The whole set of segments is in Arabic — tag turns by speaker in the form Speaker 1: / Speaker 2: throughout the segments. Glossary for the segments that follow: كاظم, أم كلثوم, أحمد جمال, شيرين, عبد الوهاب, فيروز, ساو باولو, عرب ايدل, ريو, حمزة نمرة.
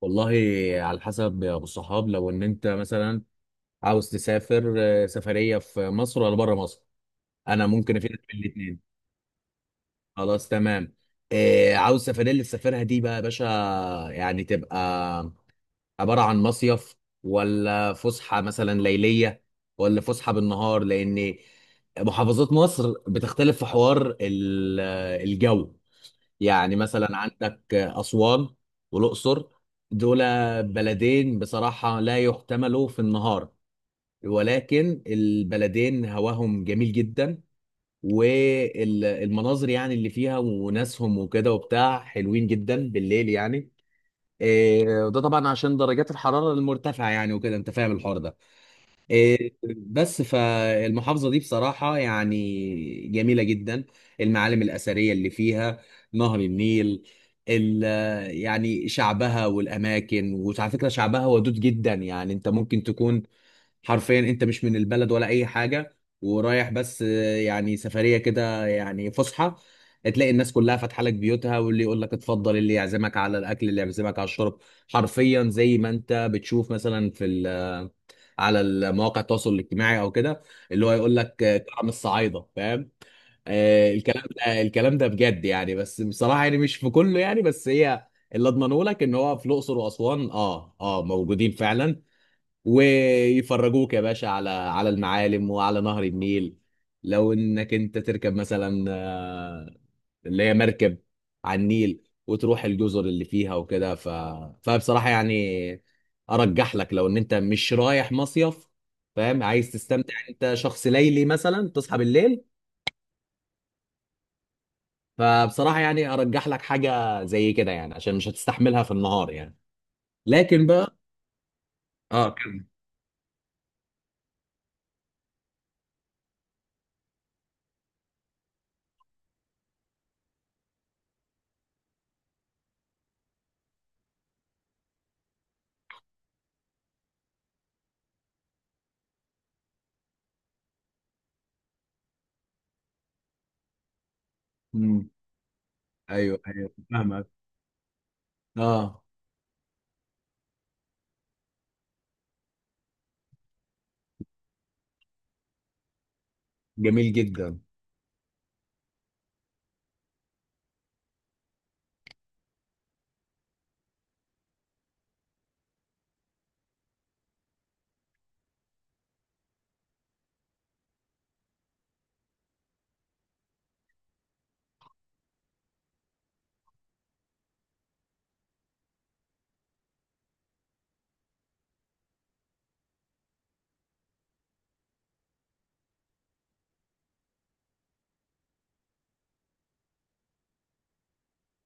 Speaker 1: والله، على حسب يا ابو الصحاب. لو ان انت مثلا عاوز تسافر، سفريه في مصر ولا بره مصر؟ انا ممكن افيدك في الاثنين. خلاص، تمام. عاوز السفريه اللي تسافرها دي بقى يا باشا، يعني تبقى عباره عن مصيف، ولا فسحه مثلا ليليه، ولا فسحه بالنهار؟ لان محافظات مصر بتختلف في حوار الجو. يعني مثلا عندك أسوان والأقصر، دول بلدين بصراحة لا يحتملوا في النهار، ولكن البلدين هواهم جميل جدا، والمناظر يعني اللي فيها وناسهم وكده وبتاع حلوين جدا بالليل يعني. وده طبعا عشان درجات الحرارة المرتفعة يعني، وكده انت فاهم الحوار ده. بس فالمحافظة دي بصراحة يعني جميلة جدا، المعالم الأثرية اللي فيها، نهر النيل، ال- يعني شعبها والأماكن. وعلى فكرة شعبها ودود جدا، يعني أنت ممكن تكون حرفيا انت مش من البلد ولا اي حاجه ورايح، بس يعني سفريه كده، يعني فسحه، تلاقي الناس كلها فاتحه لك بيوتها، واللي يقول لك اتفضل، اللي يعزمك على الاكل، اللي يعزمك على الشرب. حرفيا زي ما انت بتشوف مثلا في ال- آه، على المواقع التواصل الاجتماعي او كده، اللي هو يقول لك، كرم الصعايده فاهم. الكلام ده الكلام ده بجد يعني، بس بصراحه يعني مش في كله يعني، بس هي اللي اضمنه لك ان هو في الاقصر واسوان موجودين فعلا، ويفرجوك يا باشا على المعالم وعلى نهر النيل. لو انك انت تركب مثلا، اللي هي مركب على النيل، وتروح الجزر اللي فيها وكده، فبصراحة يعني ارجح لك لو ان انت مش رايح مصيف فاهم، عايز تستمتع، انت شخص ليلي مثلا تصحى بالليل، فبصراحة يعني ارجح لك حاجة زي كده، يعني عشان مش هتستحملها في النهار يعني. لكن بقى اه كم. مم. ايوه، ايوه، فاهمك. اه، جميل جدا.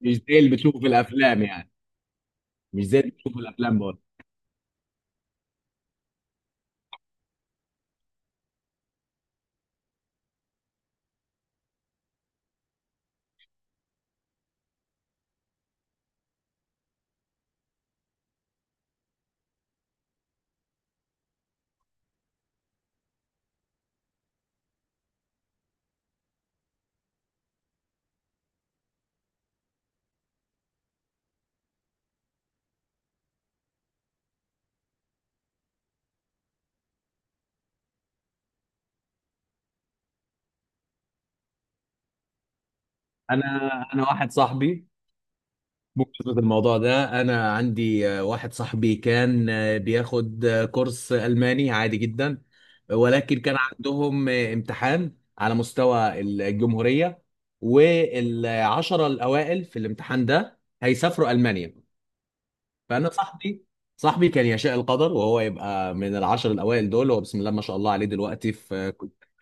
Speaker 1: مش زي اللي بتشوفه في الافلام يعني. مش زي اللي بتشوفه في الافلام برضه. انا انا واحد صاحبي، بخصوص الموضوع ده انا عندي واحد صاحبي كان بياخد كورس الماني عادي جدا، ولكن كان عندهم امتحان على مستوى الجمهوريه، والعشره الاوائل في الامتحان ده هيسافروا المانيا. فانا صاحبي كان يشاء القدر وهو يبقى من العشر الاوائل دول. هو بسم الله ما شاء الله عليه دلوقتي في آه،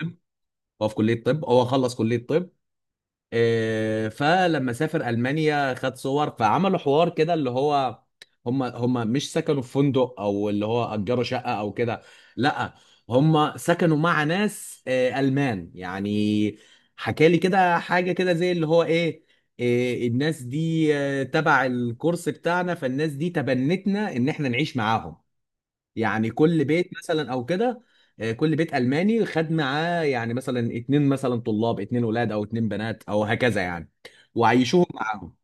Speaker 1: كلية- هو في كلية طب، هو خلص كلية طب. فلما سافر المانيا خد صور، فعملوا حوار كده اللي هو هم مش سكنوا في فندق، او اللي هو اجروا شقه او كده. لا، هم سكنوا مع ناس المان يعني. حكى لي كده حاجه كده زي اللي هو ايه، الناس دي تبع الكورس بتاعنا، فالناس دي تبنتنا ان احنا نعيش معاهم. يعني كل بيت مثلا او كده، كل بيت الماني خد معاه يعني مثلا اتنين، مثلا طلاب اتنين ولاد او اتنين بنات او هكذا يعني، وعيشوهم معاهم.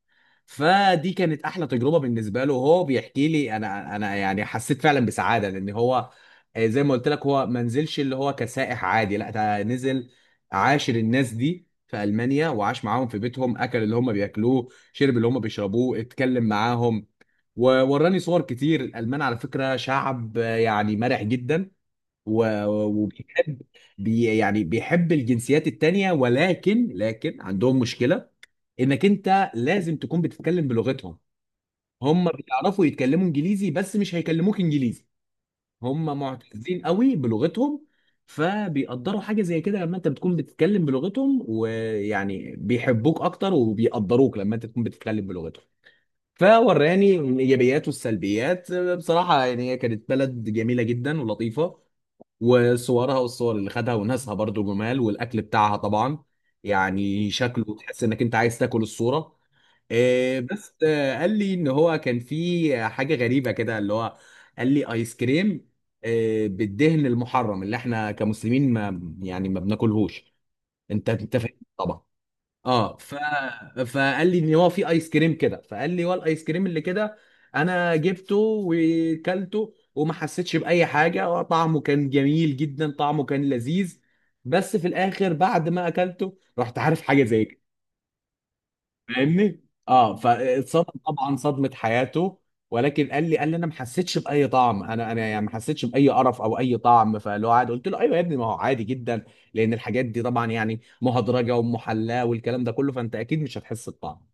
Speaker 1: فدي كانت احلى تجربه بالنسبه له، هو بيحكي لي انا يعني حسيت فعلا بسعاده، لان هو زي ما قلت لك هو ما نزلش اللي هو كسائح عادي، لا ده نزل عاشر الناس دي في المانيا، وعاش معاهم في بيتهم، اكل اللي هم بياكلوه، شرب اللي هم بيشربوه، اتكلم معاهم. ووراني صور كتير. الالمان على فكره شعب يعني مرح جدا، وبيحب، يعني بيحب الجنسيات التانيه، ولكن لكن عندهم مشكله، انك انت لازم تكون بتتكلم بلغتهم. هم بيعرفوا يتكلموا انجليزي بس مش هيكلموك انجليزي، هم معتزين قوي بلغتهم. فبيقدروا حاجه زي كده لما انت بتكون بتتكلم بلغتهم، ويعني بيحبوك اكتر وبيقدروك لما انت تكون بتتكلم بلغتهم. فوراني الايجابيات والسلبيات. بصراحه يعني هي كانت بلد جميله جدا ولطيفه، وصورها والصور اللي خدها وناسها برضو جمال، والاكل بتاعها طبعا يعني شكله تحس انك انت عايز تاكل الصوره. بس قال لي ان هو كان في حاجه غريبه كده اللي هو، قال لي ايس كريم بالدهن المحرم اللي احنا كمسلمين ما يعني ما بناكلهوش، انت فاهم طبعا. اه، فقال لي ان هو في ايس كريم كده، فقال لي هو الايس كريم اللي كده انا جبته وكلته، وما حسيتش باي حاجه، طعمه كان جميل جدا، طعمه كان لذيذ. بس في الاخر بعد ما اكلته رحت عارف حاجه زي كده، فاهمني، اه فاتصدم طبعا صدمه حياته. ولكن قال لي انا ما حسيتش باي طعم، انا يعني ما حسيتش باي قرف او اي طعم، فاللي هو عادي. قلت له ايوه يا ابني، ما هو عادي جدا، لان الحاجات دي طبعا يعني مهدرجه ومحلاه والكلام ده كله، فانت اكيد مش هتحس بطعم.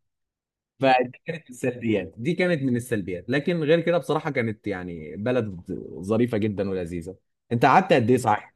Speaker 1: فدي كانت من السلبيات، دي كانت من السلبيات. لكن غير كده بصراحه كانت يعني بلد ظريفه جدا ولذيذه. انت قعدت قد ايه صحيح؟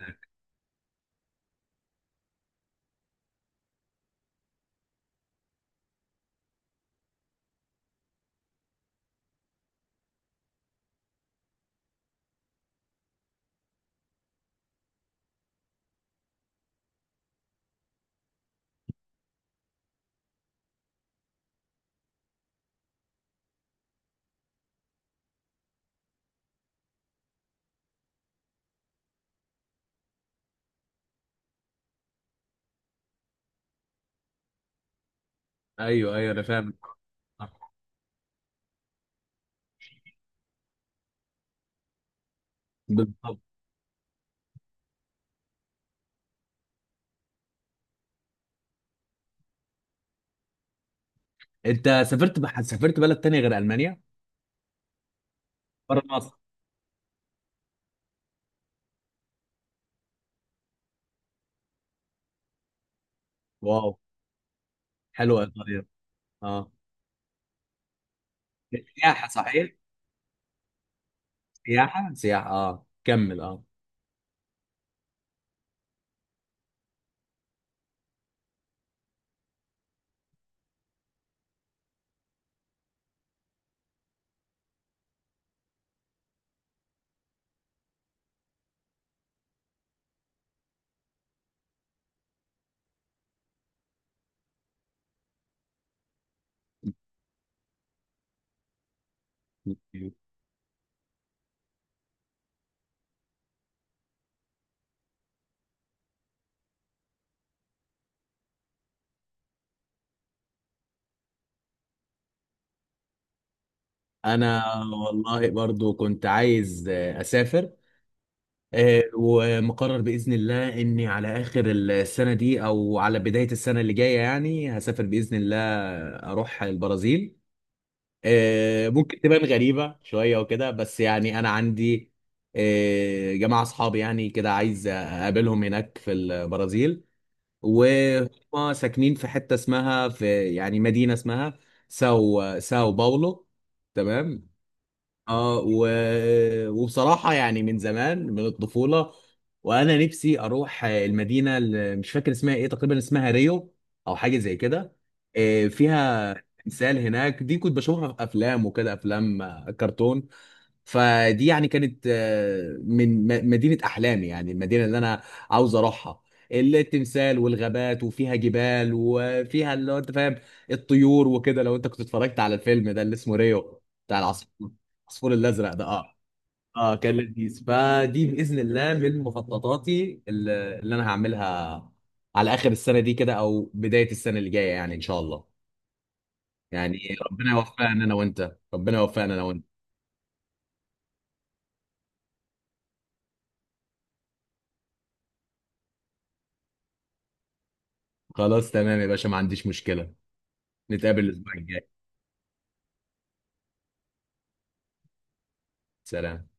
Speaker 1: ايوه، ايوه، انا فاهم. بالضبط. انت سافرت بلد تانية غير المانيا بره مصر؟ واو، حلوة إيطاليا. اه، سياحة صحيح؟ سياحة سياحة، اه كمل اه. أنا والله برضو كنت عايز أسافر، ومقرر بإذن الله إني على آخر السنة دي أو على بداية السنة اللي جاية، يعني هسافر بإذن الله أروح البرازيل. ممكن تبان غريبة شوية وكده، بس يعني أنا عندي جماعة أصحابي يعني كده عايز أقابلهم هناك في البرازيل، وهم ساكنين في حته اسمها، في يعني مدينه اسمها ساو باولو. تمام. اه و... وبصراحه يعني من زمان من الطفوله، وانا نفسي اروح المدينه اللي مش فاكر اسمها ايه، تقريبا اسمها ريو او حاجه زي كده، فيها تمثال هناك. دي كنت بشوفها في افلام وكده، افلام كرتون. فدي يعني كانت، من مدينة أحلامي، يعني المدينة اللي أنا عاوز أروحها، التمثال والغابات وفيها جبال وفيها اللي هو أنت فاهم الطيور وكده. لو أنت كنت اتفرجت على الفيلم ده اللي اسمه ريو بتاع العصفور، العصفور الأزرق ده، أه. أه كان لذيذ. فدي بإذن الله من مخططاتي اللي أنا هعملها على آخر السنة دي كده أو بداية السنة اللي جاية، يعني إن شاء الله. يعني ربنا يوفقنا أنا وأنت، ربنا يوفقنا أنا وأنت. خلاص تمام يا باشا، ما عنديش مشكلة. نتقابل الأسبوع الجاي. سلام.